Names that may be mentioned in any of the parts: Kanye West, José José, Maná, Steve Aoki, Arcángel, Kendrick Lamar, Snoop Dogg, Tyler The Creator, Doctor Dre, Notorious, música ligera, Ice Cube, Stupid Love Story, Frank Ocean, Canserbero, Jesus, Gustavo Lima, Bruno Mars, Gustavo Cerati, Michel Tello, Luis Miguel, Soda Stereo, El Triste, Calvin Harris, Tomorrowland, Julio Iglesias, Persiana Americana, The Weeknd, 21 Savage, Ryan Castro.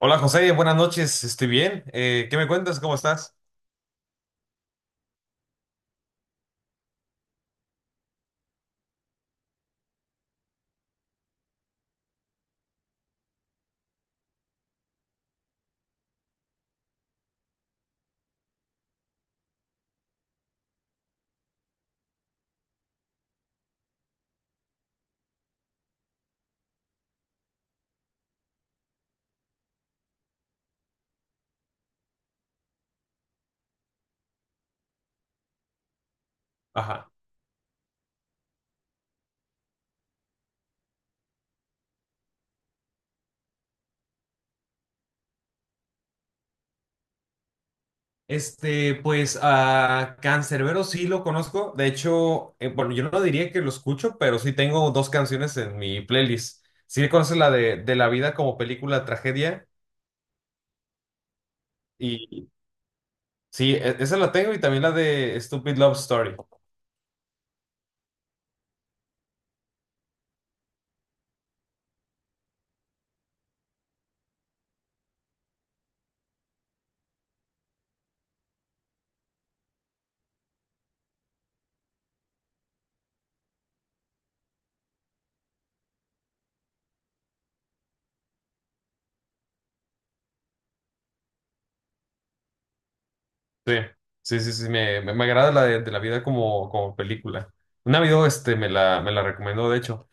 Hola José, buenas noches, estoy bien. ¿Qué me cuentas? ¿Cómo estás? Ajá. Pues a Canserbero sí lo conozco. De hecho, bueno, yo no diría que lo escucho, pero sí tengo dos canciones en mi playlist. ¿Sí conoces la de La vida como película tragedia? Y sí, esa la tengo y también la de Stupid Love Story. Sí, sí, sí, sí, me agrada la de La vida como película. Un amigo me la recomendó, de hecho.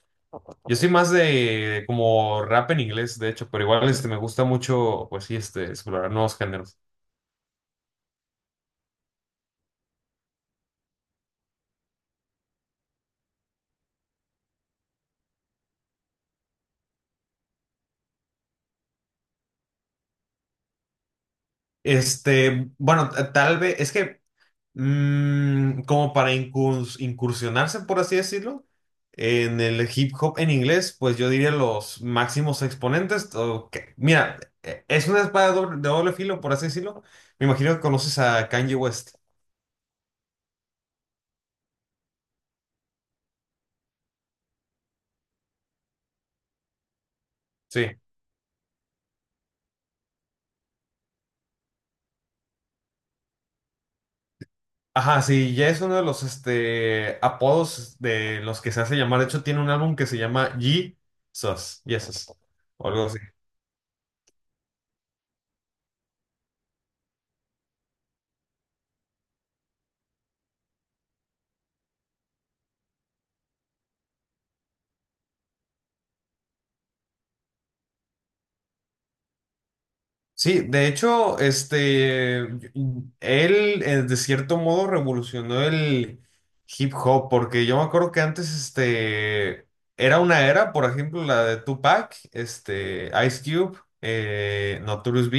Yo soy más de como rap en inglés, de hecho, pero igual me gusta mucho, pues sí, explorar nuevos géneros. Bueno, tal vez, es que como para incursionarse, por así decirlo, en el hip hop en inglés, pues yo diría los máximos exponentes. Mira, es una espada de doble filo, por así decirlo. Me imagino que conoces a Kanye West. Sí. Ajá, sí, ya es uno de los apodos de los que se hace llamar. De hecho, tiene un álbum que se llama Jesus, o algo así. Sí, de hecho, él de cierto modo revolucionó el hip hop, porque yo me acuerdo que antes, era una era, por ejemplo, la de Tupac, Ice Cube, Notorious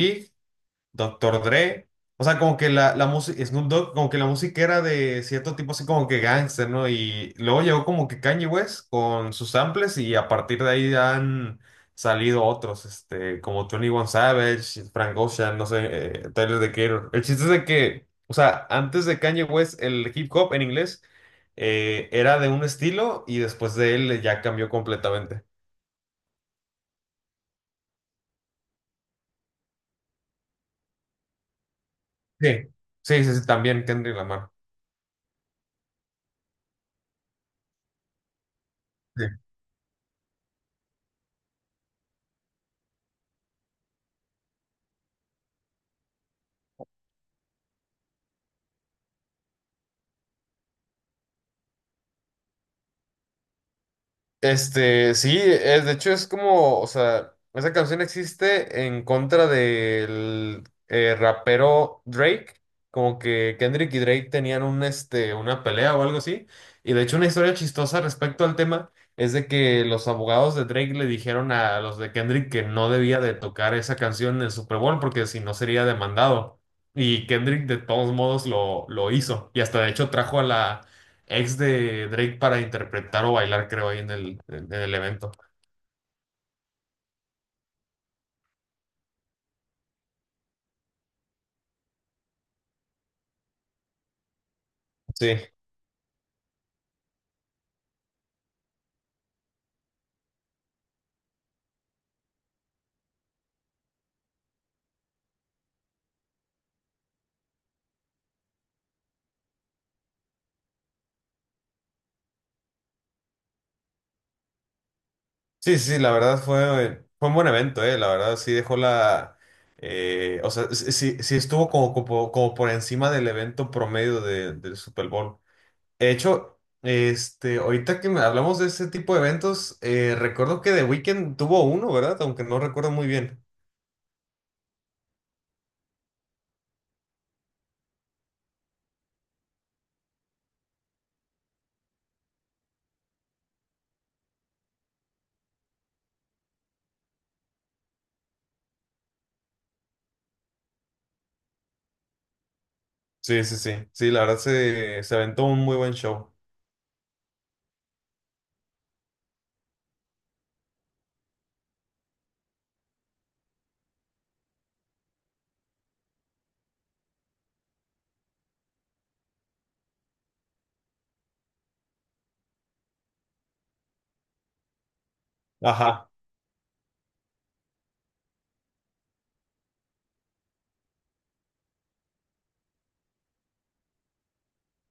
Doctor Dre. O sea, como que la música, Snoop Dogg, como que la música era de cierto tipo así como que gangster, ¿no? Y luego llegó como que Kanye West con sus samples y a partir de ahí han salido otros, como 21 Savage, Frank Ocean, no sé, Tyler The Creator. El chiste es de que, o sea, antes de Kanye West, el hip hop en inglés era de un estilo y después de él ya cambió completamente. Sí, sí, sí, sí, también Kendrick Lamar. Sí. Sí, es, de hecho es como, o sea, esa canción existe en contra del rapero Drake, como que Kendrick y Drake tenían una pelea o algo así, y de hecho una historia chistosa respecto al tema es de que los abogados de Drake le dijeron a los de Kendrick que no debía de tocar esa canción en el Super Bowl porque si no sería demandado, y Kendrick de todos modos lo hizo, y hasta de hecho trajo a la ex de Drake para interpretar o bailar, creo, ahí en el evento. Sí, sí, sí, la verdad fue un buen evento, la verdad sí dejó la. O sea, sí, sí estuvo como por encima del evento promedio del Super Bowl. De hecho, ahorita que hablamos de ese tipo de eventos, recuerdo que The Weeknd tuvo uno, ¿verdad? Aunque no recuerdo muy bien. Sí, sí, sí, sí, la verdad se aventó un muy buen show. Ajá.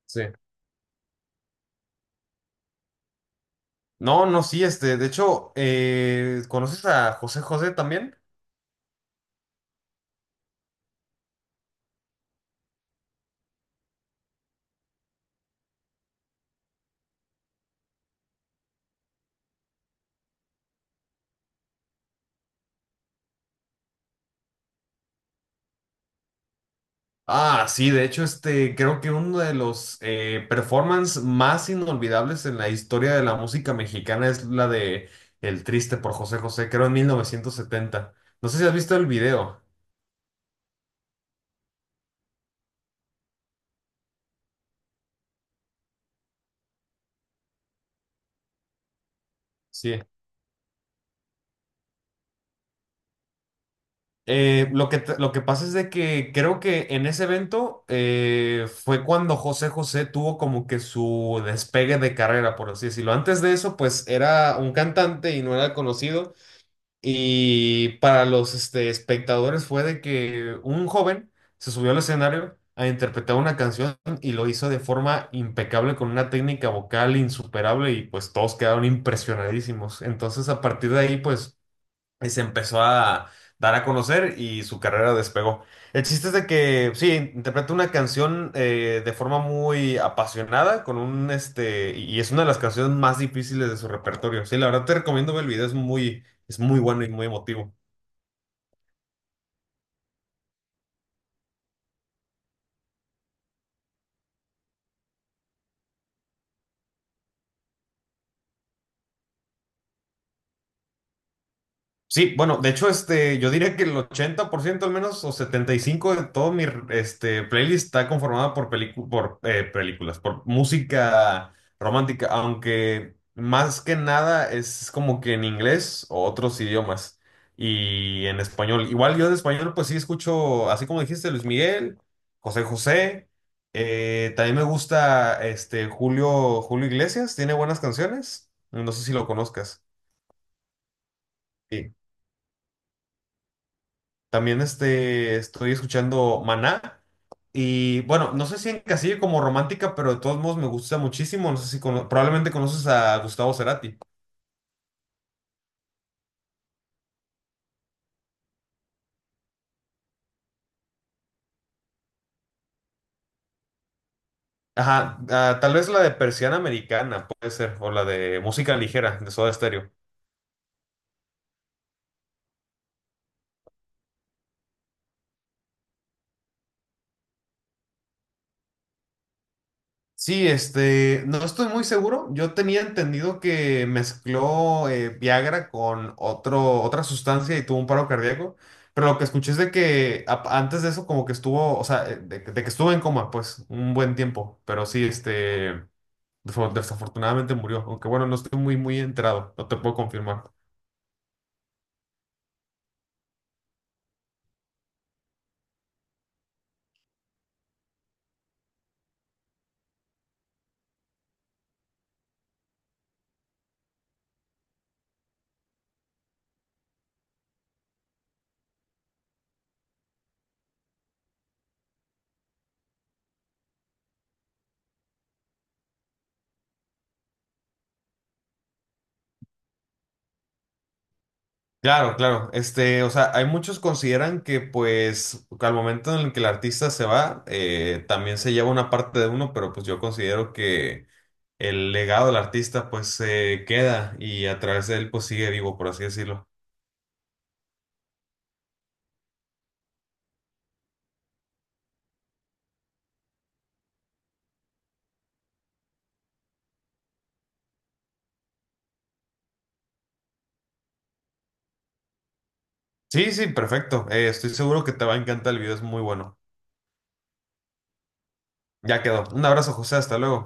Sí. No, no, sí, de hecho, ¿conoces a José José también? Ah, sí, de hecho, creo que uno de los performance más inolvidables en la historia de la música mexicana es la de El Triste por José José, creo en 1970. No sé si has visto el video. Sí. Lo que pasa es de que creo que en ese evento fue cuando José José tuvo como que su despegue de carrera, por así decirlo. Antes de eso, pues era un cantante y no era conocido. Y para los espectadores fue de que un joven se subió al escenario a interpretar una canción y lo hizo de forma impecable con una técnica vocal insuperable y pues todos quedaron impresionadísimos. Entonces a partir de ahí pues y se empezó a dar a conocer y su carrera despegó. El chiste es de que, sí, interpreta una canción de forma muy apasionada, con un, este, y es una de las canciones más difíciles de su repertorio. Sí, la verdad te recomiendo ver el video, es muy bueno y muy emotivo. Sí, bueno, de hecho, yo diría que el 80% al menos, o 75% de todo mi playlist está conformada por películas, por música romántica, aunque más que nada es como que en inglés o otros idiomas y en español. Igual yo de español, pues sí escucho, así como dijiste, Luis Miguel, José José, también me gusta Julio Iglesias, tiene buenas canciones, no sé si lo conozcas. También estoy escuchando Maná. Y bueno, no sé si encasillo como romántica, pero de todos modos me gusta muchísimo. No sé si probablemente conoces a Gustavo Cerati. Ajá, ah, tal vez la de Persiana Americana, puede ser, o la de música ligera, de Soda Stereo. Sí, no estoy muy seguro. Yo tenía entendido que mezcló Viagra con otra sustancia y tuvo un paro cardíaco, pero lo que escuché es de que antes de eso como que estuvo, o sea, de que estuvo en coma, pues, un buen tiempo, pero sí, desafortunadamente murió, aunque bueno, no estoy muy, muy enterado, no te puedo confirmar. Claro, claro. O sea, hay muchos consideran que pues al momento en el que el artista se va, también se lleva una parte de uno, pero pues yo considero que el legado del artista pues se queda y a través de él pues sigue vivo, por así decirlo. Sí, sí, perfecto. Estoy seguro que te va a encantar el video, es muy bueno. Ya quedó. Un abrazo, José, hasta luego.